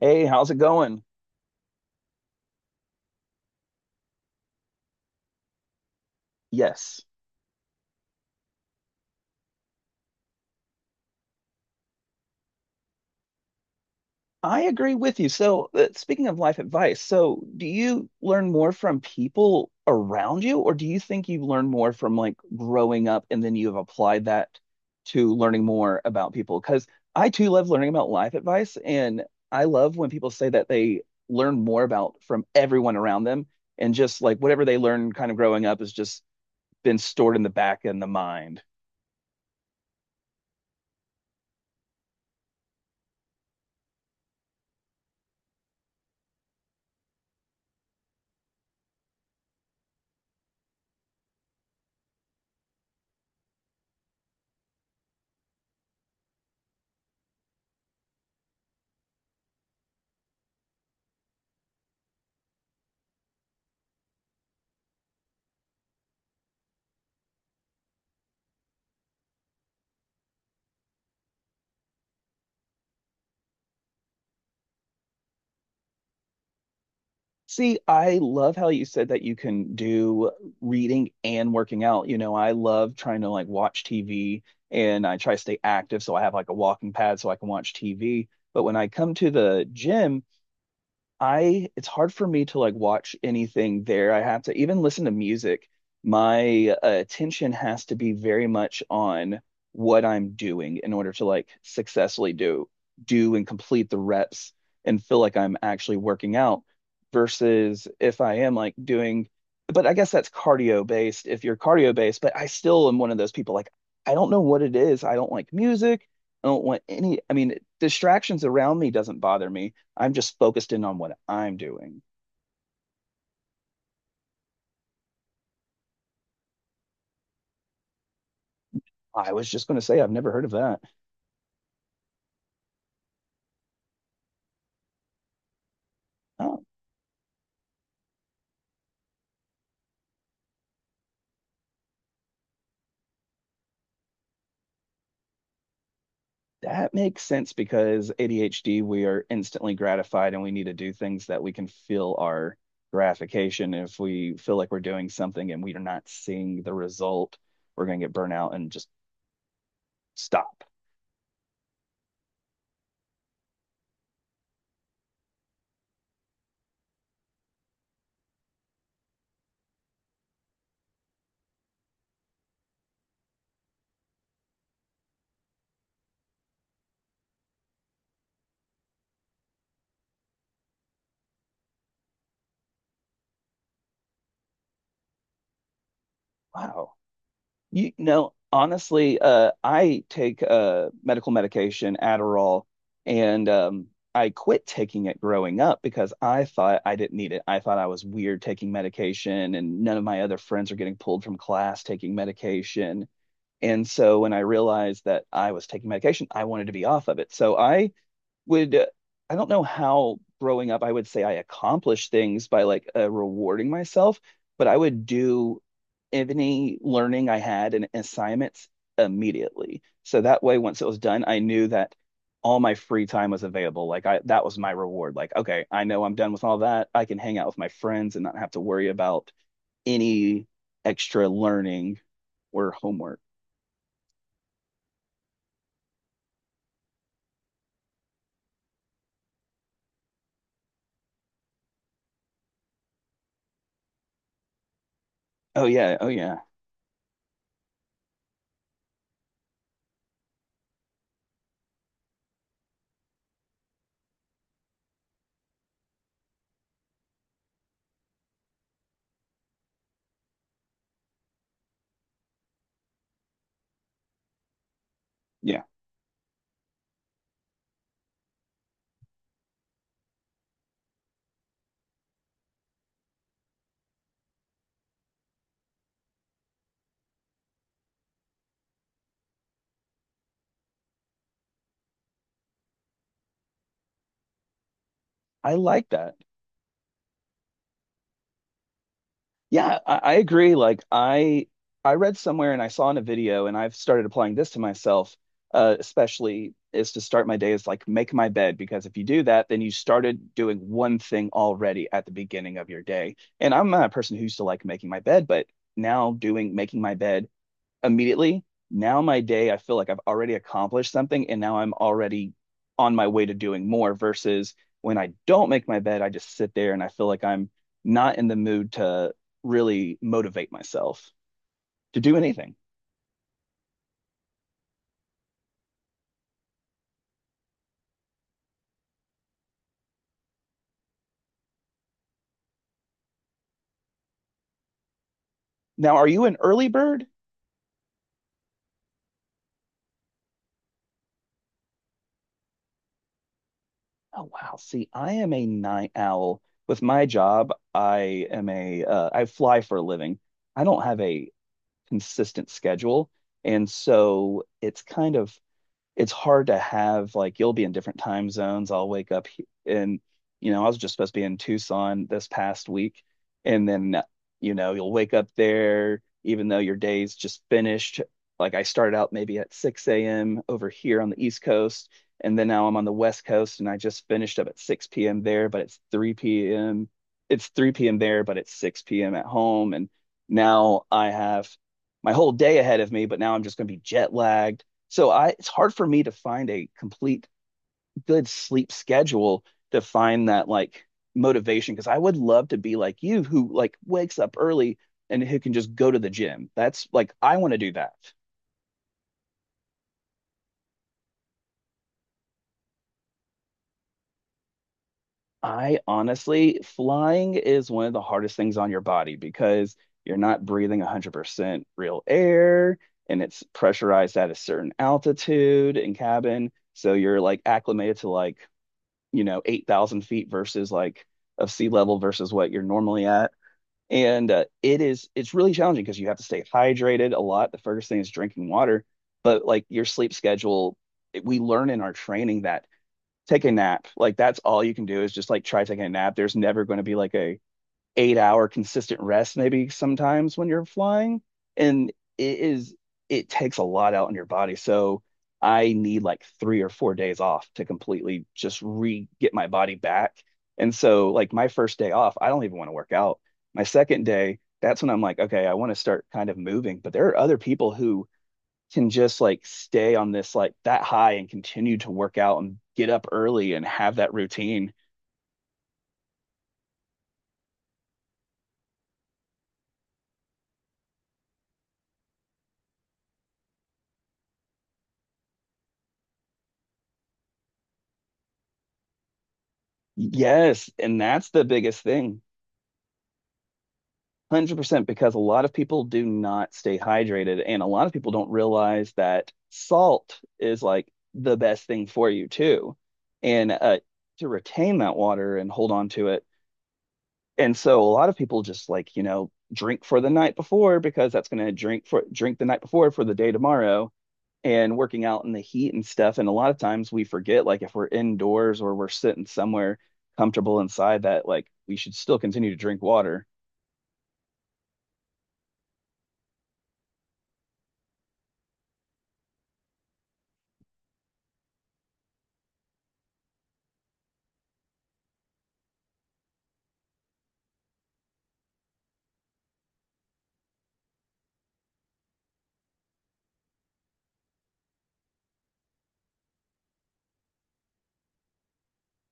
Hey, how's it going? Yes, I agree with you. So, speaking of life advice, so do you learn more from people around you, or do you think you learn more from like growing up and then you've applied that to learning more about people? Because I too love learning about life advice, and I love when people say that they learn more about from everyone around them, and just like whatever they learn kind of growing up has just been stored in the back in the mind. See, I love how you said that you can do reading and working out. You know, I love trying to like watch TV and I try to stay active. So I have like a walking pad so I can watch TV. But when I come to the gym, I it's hard for me to like watch anything there. I have to even listen to music. My attention has to be very much on what I'm doing in order to like successfully do and complete the reps and feel like I'm actually working out versus if I am like doing, but I guess that's cardio based, if you're cardio based, but I still am one of those people like I don't know what it is. I don't like music. I don't want any, I mean, distractions around me doesn't bother me. I'm just focused in on what I'm doing. I was just going to say, I've never heard of that. Oh, that makes sense because ADHD, we are instantly gratified and we need to do things that we can feel our gratification. If we feel like we're doing something and we are not seeing the result, we're going to get burnt out and just stop. Wow. You know, honestly, I take medical medication, Adderall, and I quit taking it growing up because I thought I didn't need it. I thought I was weird taking medication, and none of my other friends are getting pulled from class taking medication. And so when I realized that I was taking medication, I wanted to be off of it. So I would I don't know how growing up I would say I accomplished things by like rewarding myself, but I would do any learning I had and assignments immediately. So that way, once it was done, I knew that all my free time was available. Like I, that was my reward. Like, okay, I know I'm done with all that. I can hang out with my friends and not have to worry about any extra learning or homework. Oh yeah, oh yeah, yeah. I like that. Yeah, I agree. Like I read somewhere and I saw in a video and I've started applying this to myself, especially is to start my day is like make my bed because if you do that, then you started doing one thing already at the beginning of your day. And I'm not a person who used to like making my bed, but now doing making my bed immediately. Now my day, I feel like I've already accomplished something and now I'm already on my way to doing more versus when I don't make my bed, I just sit there and I feel like I'm not in the mood to really motivate myself to do anything. Now, are you an early bird? Oh, wow. See, I am a night owl. With my job, I am a I fly for a living. I don't have a consistent schedule, and so it's kind of it's hard to have like you'll be in different time zones. I'll wake up he- And you know, I was just supposed to be in Tucson this past week and then you know, you'll wake up there even though your day's just finished. Like I started out maybe at 6 a.m. over here on the East Coast and then now I'm on the West Coast and I just finished up at 6 p.m. there, but it's 3 p.m. It's 3 p.m. there, but it's 6 p.m. at home and now I have my whole day ahead of me, but now I'm just going to be jet lagged so I it's hard for me to find a complete good sleep schedule to find that like motivation because I would love to be like you who like wakes up early and who can just go to the gym. That's like I want to do that. I honestly, flying is one of the hardest things on your body because you're not breathing 100% real air and it's pressurized at a certain altitude in cabin. So you're like acclimated to like you know, 8,000 feet versus like of sea level versus what you're normally at. And it is, it's really challenging because you have to stay hydrated a lot. The first thing is drinking water, but like your sleep schedule, we learn in our training that take a nap, like that's all you can do is just like try taking a nap. There's never going to be like a, 8 hour consistent rest maybe sometimes when you're flying and it is it takes a lot out on your body so I need like 3 or 4 days off to completely just re get my body back. And so like my first day off I don't even want to work out. My second day that's when I'm like okay I want to start kind of moving but there are other people who can just like stay on this like that high and continue to work out and get up early and have that routine. Yes and that's the biggest thing, 100%, because a lot of people do not stay hydrated and a lot of people don't realize that salt is like the best thing for you too, and to retain that water and hold on to it. And so a lot of people just like you know drink for the night before because that's going to drink for drink the night before for the day tomorrow, and working out in the heat and stuff, and a lot of times we forget like if we're indoors or we're sitting somewhere comfortable inside that like we should still continue to drink water.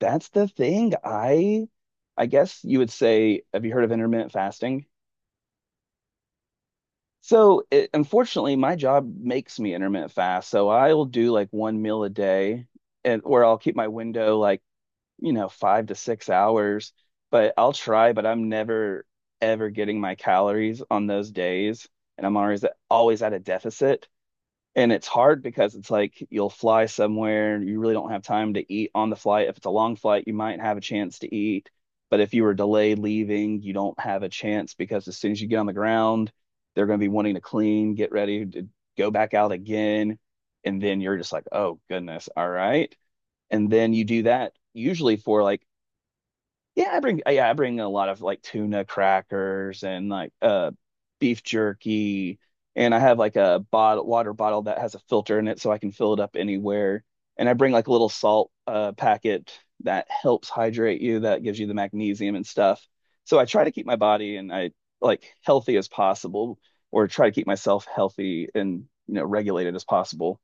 That's the thing. I guess you would say, have you heard of intermittent fasting? So it, unfortunately, my job makes me intermittent fast. So I'll do like one meal a day and where I'll keep my window like, you know, 5 to 6 hours, but I'll try, but I'm never ever getting my calories on those days. And I'm always always at a deficit. And it's hard because it's like you'll fly somewhere, you really don't have time to eat on the flight. If it's a long flight, you might have a chance to eat. But if you were delayed leaving, you don't have a chance because as soon as you get on the ground, they're going to be wanting to clean, get ready to go back out again. And then you're just like, oh, goodness. All right. And then you do that usually for like yeah, I bring a lot of like tuna crackers and like beef jerky and I have like a bottle water bottle that has a filter in it so I can fill it up anywhere. And I bring like a little salt packet that helps hydrate you, that gives you the magnesium and stuff. So I try to keep my body and I like healthy as possible, or try to keep myself healthy and you know regulated as possible.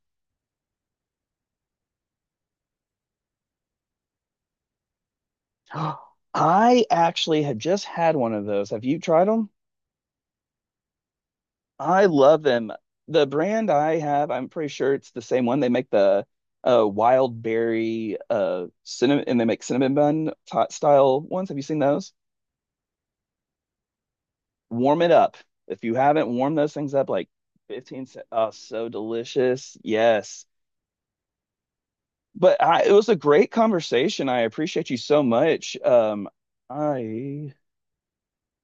I actually had just had one of those. Have you tried them? I love them. The brand I have, I'm pretty sure it's the same one. They make the wild berry cinnamon, and they make cinnamon bun t style ones. Have you seen those? Warm it up. If you haven't, warm those things up like Oh, so delicious. Yes. But I, it was a great conversation. I appreciate you so much. I